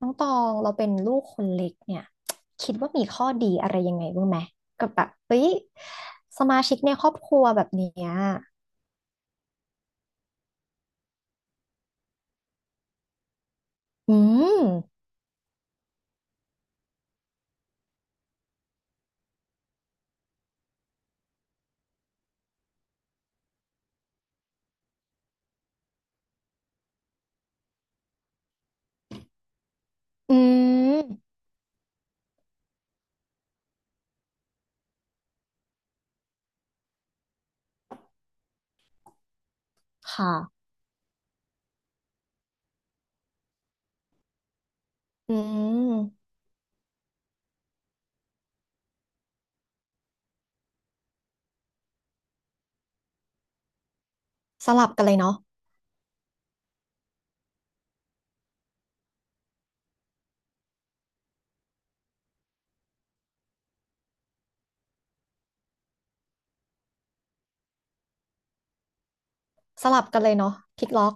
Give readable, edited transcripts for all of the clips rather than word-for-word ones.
น้องตองเราเป็นลูกคนเล็กเนี่ยคิดว่ามีข้อดีอะไรยังไงบ้างไหมกับแบบเฮ้ยสมาชิกในครอบครัวแบบเนี้ยอืมอืมค่ะอืมสลับกันเลยเนาะสลับกันเลยเนาะพลิกล็อก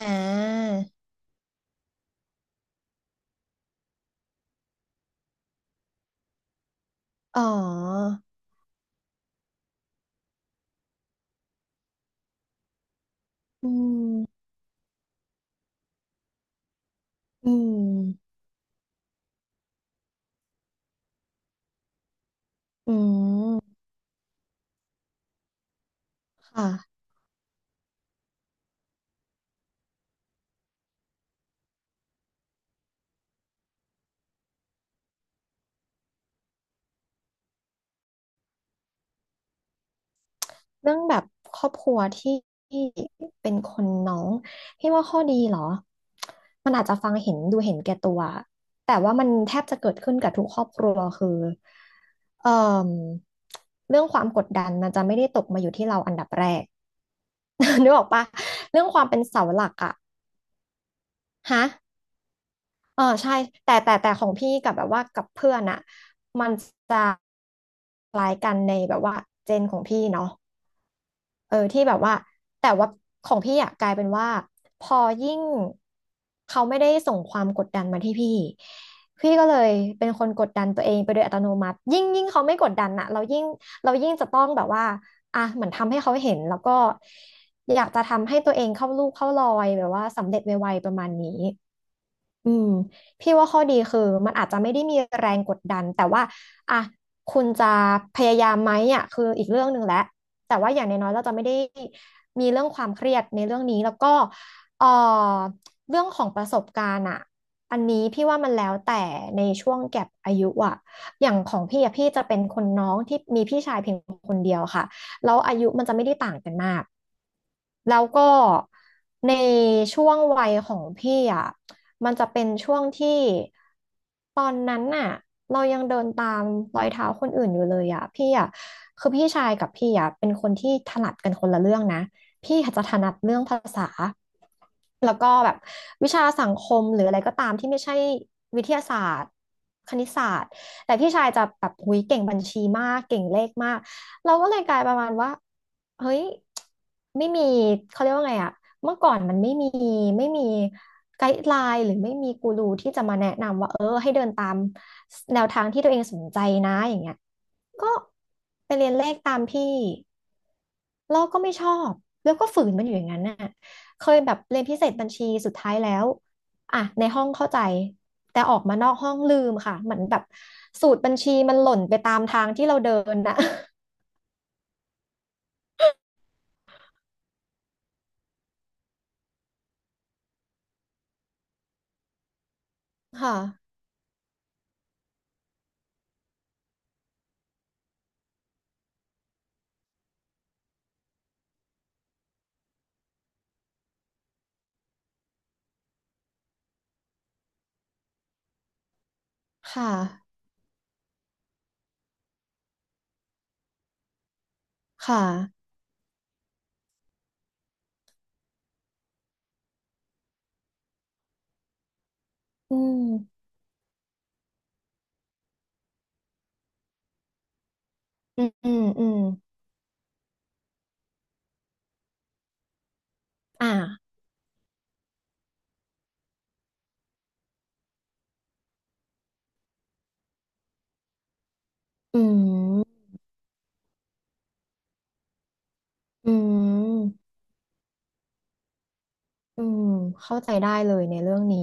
อ่าอ๋ออืมอืมอืมค่ะ เรื่องแบบครอบครัวที่เป็นคนน้องพี่ว่าข้อดีเหรอมันอาจจะฟังเห็นดูเห็นแก่ตัวแต่ว่ามันแทบจะเกิดขึ้นกับทุกครอบครัวคือเอ่อเรื่องความกดดันมันจะไม่ได้ตกมาอยู่ที่เราอันดับแรก นึกออกปะเรื่องความเป็นเสาหลักอะฮะเออใช่แต่ของพี่กับแบบว่ากับเพื่อนอะมันจะคล้ายกันในแบบว่าเจนของพี่เนาะ เออที่แบบว่าแต่ว่าของพี่อะกลายเป็นว่าพอยิ่งเขาไม่ได้ส่งความกดดันมาที่พี่พี่ก็เลยเป็นคนกดดันตัวเองไปโดยอัตโนมัติยิ่งเขาไม่กดดันอะเรายิ่งจะต้องแบบว่าอ่ะเหมือนทำให้เขาเห็นแล้วก็อยากจะทำให้ตัวเองเข้าลูกเข้ารอยแบบว่าสำเร็จไวๆประมาณนี้ อืมพี่ว่าข้อดีคือมันอาจจะไม่ได้มีแรงกดดันแต่ว่าอ่ะคุณจะพยายามไหมอ่ะคืออีกเรื่องหนึ่งแหละแต่ว่าอย่างน้อยๆเราจะไม่ได้มีเรื่องความเครียดในเรื่องนี้แล้วก็เอ่อเรื่องของประสบการณ์อ่ะอันนี้พี่ว่ามันแล้วแต่ในช่วงแก็ปอายุอ่ะอย่างของพี่อ่ะพี่จะเป็นคนน้องที่มีพี่ชายเพียงคนเดียวค่ะ แล้วอายุมันจะไม่ได้ต่างกันมาก แล้วก็ในช่วงวัยของพี่อ่ะมันจะเป็นช่วงที่ตอนนั้นน่ะเรายังเดินตามรอยเท้าคนอื่นอยู่เลยอ่ะพี่อ่ะคือพี่ชายกับพี่อ่ะเป็นคนที่ถนัดกันคนละเรื่องนะพี่อาจจะถนัดเรื่องภาษาแล้วก็แบบวิชาสังคมหรืออะไรก็ตามที่ไม่ใช่วิทยาศาสตร์คณิตศาสตร์แต่พี่ชายจะแบบหุยเก่งบัญชีมากเก่งเลขมาก เราก็เลยกลายประมาณว่าเฮ้ยไม่มีเขาเรียกว่าไงอะเมื่อก่อนมันไม่มีไกด์ไลน์หรือไม่มีกูรูที่จะมาแนะนำว่าเออให้เดินตามแนวทางที่ตัวเองสนใจนะอย่างเงี้ยก็ไปเรียนเลขตามพี่เราก็ไม่ชอบแล้วก็ฝืนมันอยู่อย่างนั้นน่ะเคยแบบเรียนพิเศษบัญชีสุดท้ายแล้วอ่ะในห้องเข้าใจแต่ออกมานอกห้องลืมค่ะเหมือนแบบสูตรบัญชีมันหล่นไปตามทางที่เราเดินน่ะ ค่ะ ค่ะค่ะอืมอืมอืมอืมอ่าอืมอืมอืมเข้าใจได้เลยในเรื่องนี้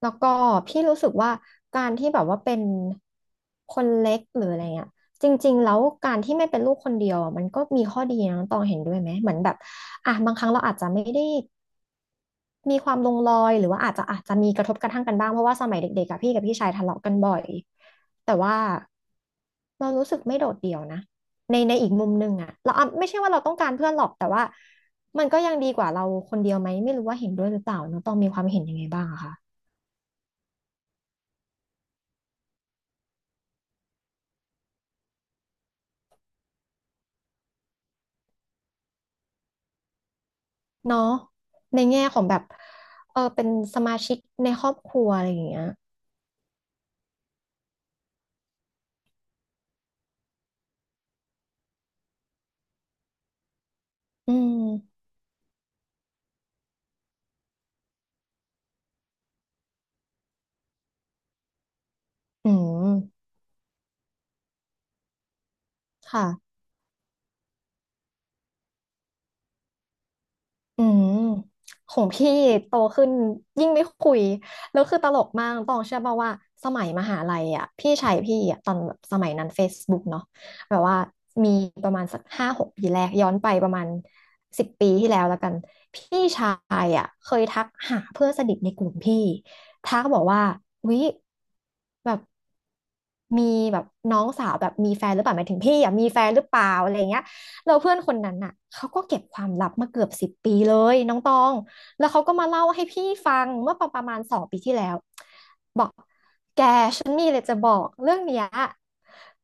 แล้วก็พี่รู้สึกว่าการที่แบบว่าเป็นคนเล็กหรืออะไรเงี้ยจริงๆแล้วการที่ไม่เป็นลูกคนเดียวอะมันก็มีข้อดีนะน้องตองเห็นด้วยไหม เหมือนแบบอ่ะบางครั้งเราอาจจะไม่ได้ มีความลงรอยหรือว่าอาจจะมีกระทบกระทั่งกันบ้างเพราะว่าสมัยเด็กๆกับพี่กับพี่ชายทะเลาะกันบ่อยแต่ว่าเรารู้สึกไม่โดดเดี่ยวนะในในอีกมุมหนึ่งอะเราอ่ะไม่ใช่ว่าเราต้องการเพื่อนหรอกแต่ว่ามันก็ยังดีกว่าเราคนเดียวไหมไม่รู้ว่าเห็นด้วยหรือเปล่าเนาะต้องมีความเห็นยังไงบ้างอะคะเนาะในแง่ของแบบเออเป็นสมาชิกในครอบครัวอะไรอย่างเงี้ยอืมอืมค่ะ อืม ของพี่โตขึ้นยิ่งไม่คุยแล้วคือตลกมากต้องเชื่อป่าวว่าสมัยมหาลัยอ่ะพี่ชายพี่อ่ะตอนแบบสมัยนั้น Facebook เนาะแบบว่ามีประมาณสัก5-6 ปีแรกย้อนไปประมาณสิบปีที่แล้วแล้วกันพี่ชายอ่ะเคยทักหาเพื่อนสนิทในกลุ่มพี่ทักบอกว่าวิแบบมีแบบน้องสาวแบบมีแฟนหรือเปล่าหมายถึงพี่อ่ะมีแฟนหรือเปล่าอะไรเงี้ย เราเพื่อนคนนั้นน่ะเขาก็เก็บความลับมาเกือบสิบปีเลยน้องตองแล้วเขาก็มาเล่าให้พี่ฟังเมื่อประมาณ2 ปีที่แล้วบอกแกฉันมีอะไรจะบอกเรื่องเนี้ย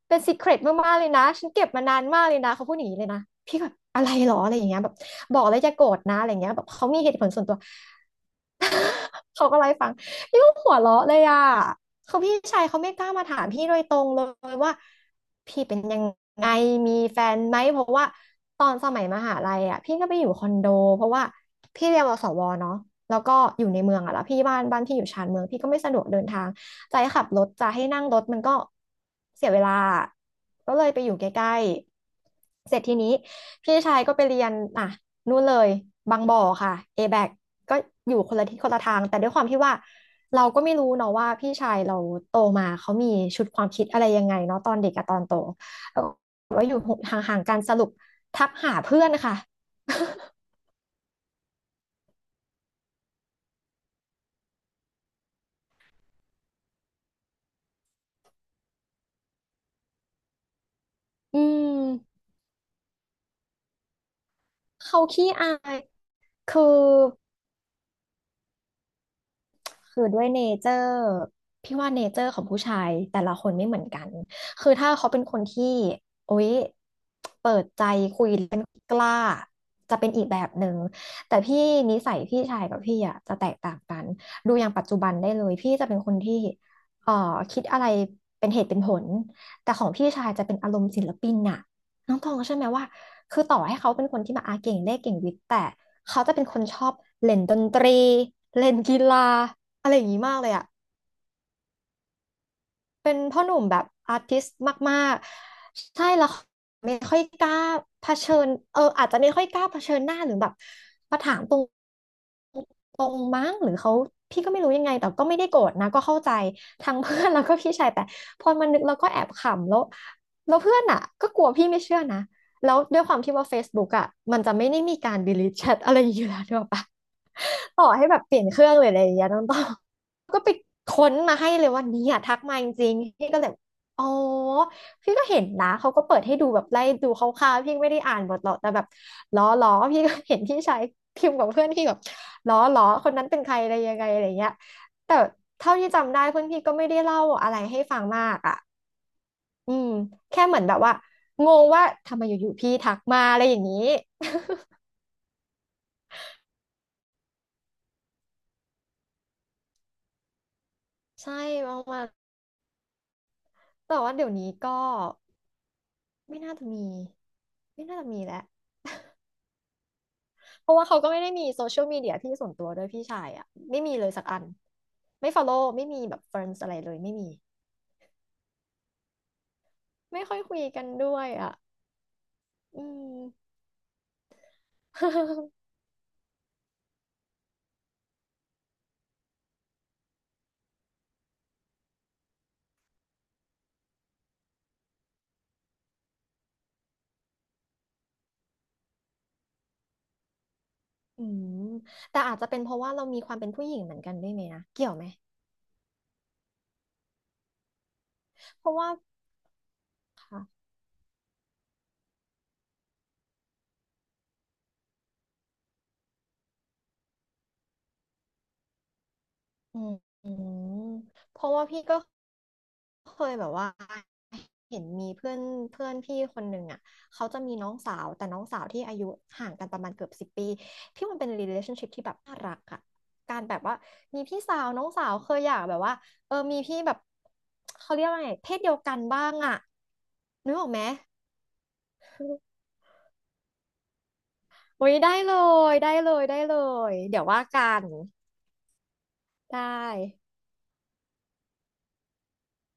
เป็นซีเครตมากๆเลยนะฉันเก็บมานานมากเลยนะเขาพูดอย่างนี้เลยนะพี่ก็แบบอะไรหรออะไรอย่างเงี้ยแบบบอกแล้วอย่าโกรธนะอะไรอย่างเงี้ยแบบเขามีเหตุผลส่วนตัว เขาก็ไล่าให้ฟังพี่ก็หัวเราะเลยอ่ะ คือพี่ชายเขาไม่กล้ามาถามพี่โดยตรงเลยว่าพี่เป็นยังไงมีแฟนไหมเพราะว่าตอนสมัยมหาลัยอ่ะพี่ก็ไปอยู่คอนโดเพราะว่าพี่เรียนวสวเนาะแล้วก็อยู่ในเมืองอ่ะแล้วพี่บ้านพี่อยู่ชานเมืองพี่ก็ไม่สะดวกเดินทางจะให้ขับรถจะให้นั่งรถมันก็เสียเวลาก็เลยไปอยู่ใกล้ๆเสร็จทีนี้พี่ชายก็ไปเรียนอ่ะนู่นเลยบางบ่อค่ะ ABAC ก็อยู่คนละที่คนละทางแต่ด้วยความที่ว่า เราก็ไม่รู้เนาะว่าพี่ชายเราโตมาเขามีชุดความคิดอะไรยังไงเนาะตอนเด็กกับตอนโตแล้วก็ว่าอยู่ห่างๆกันสรุปทักหาเพื่อนค่ะ อืมเขาขี้อายคือ คือด้วยเนเจอร์พี่ว่าเนเจอร์ของผู้ชายแต่ละคนไม่เหมือนกัน คือถ้าเขาเป็นคนที่โอ๊ยเปิดใจคุยเป็นกล้าจะเป็นอีกแบบหนึ่งแต่พี่นิสัยพี่ชายกับพี่อ่ะจะแตกต่างกันดูอย่างปัจจุบันได้เลยพี่จะเป็นคนที่เอ่อคิดอะไรเป็นเหตุเป็นผลแต่ของพี่ชายจะเป็นอารมณ์ศิลปินน่ะน้องตองก็ใช่อไหมว่าคือต่อให้เขาเป็นคนที่มาอาเก่งเลขเก่งวิทย์แต่เขาจะเป็นคนชอบเล่นดนตรีเล่นกีฬา อะไรอย่างนี้มากเลยอ่ะเป็นพ่อหนุ่มแบบอาร์ติสต์มากๆใช่แล้วเขาไม่ค่อยกล้าเผชิญอาจจะไม่ค่อยกล้าเผชิญหน้าหรือแบบมาถามตรงตรงมั้งหรือเขาพี่ก็ไม่รู้ยังไงแต่ก็ไม่ได้โกรธนะก็เข้าใจทั้งเพื่อน แล้วก็พี่ชายแต่พอมานึกแล้วก็แอบขำแล้วแล้วเพื่อนอ่ะก็กลัวพี่ไม่เชื่อนะแล้วด้วยความที่ว่า Facebook อ่ะมันจะไม่ได้มีการ delete chat อะไรอยู่แล้วด้วยปะต่อให้แบบเปลี่ยนเครื่องหรืออะไรอย่างเงี้ยน้องต้อง ก็ไปค้นมาให้เลยว่าเนี่ยทักมาจริงๆพี่ก็เลยอ๋อพี่ก็เห็นนะเขาก็เปิดให้ดูแบบไล่ดูคร่าวๆพี่ไม่ได้อ่านหมดหรอกแต่แบบล้อพี่ก็เห็นพี่ชายพิมพ์กับเพื่อนพี่แบบล้อคนนั้นเป็นใครอะไรยังไงอะไรเงี้ยแต่เท่าที่จำได้เพื่อนพี่ก็ไม่ได้เล่าอะไรให้ฟังมากอ่ะอืมแค่เหมือนแบบว่างงว่าทำไมอยู่ๆพี่ทักมาอะไรอย่างนี้ใช่ประมาณแต่ว่าเดี๋ยวนี้ก็ไม่น่าจะมีไม่น่าจะมีแล้ว เพราะว่าเขาก็ไม่ได้มีโซเชียลมีเดียที่ส่วนตัวด้วยพี่ชายอ่ะไม่มีเลยสักอันไม่ฟอลโล่ไม่มีแบบเฟรนด์อะไรเลยไม่มีไม่ค่อยคุยกันด้วยอ่ะอืม อืมแต่อาจจะเป็นเพราะว่าเรามีความเป็นผู้หญิงเหมือนกันด้วยไหมนะเกี่ยวไหมเพราะว่าค่ะอืมอืมเพราะว่าพี่ก็ เคยแบบว่าเห็นมีเพื่อนเพื่อนพี่คนหนึ่งอ่ะเขาจะมีน้องสาวแต่น้องสาวที่อายุห่างกันประมาณเกือบ10 ปีพี่มันเป็น relationship ที่แบบน่ารักอ่ะการแบบว่ามีพี่สาวน้องสาวเคยอยากแบบว่าเออมีพี่แบบเขาเรียกว่าไงเพศเดียวกันบ้างอ่ะนึกออกไหมโอ้ยได้เลยเดี๋ยวว่ากันได้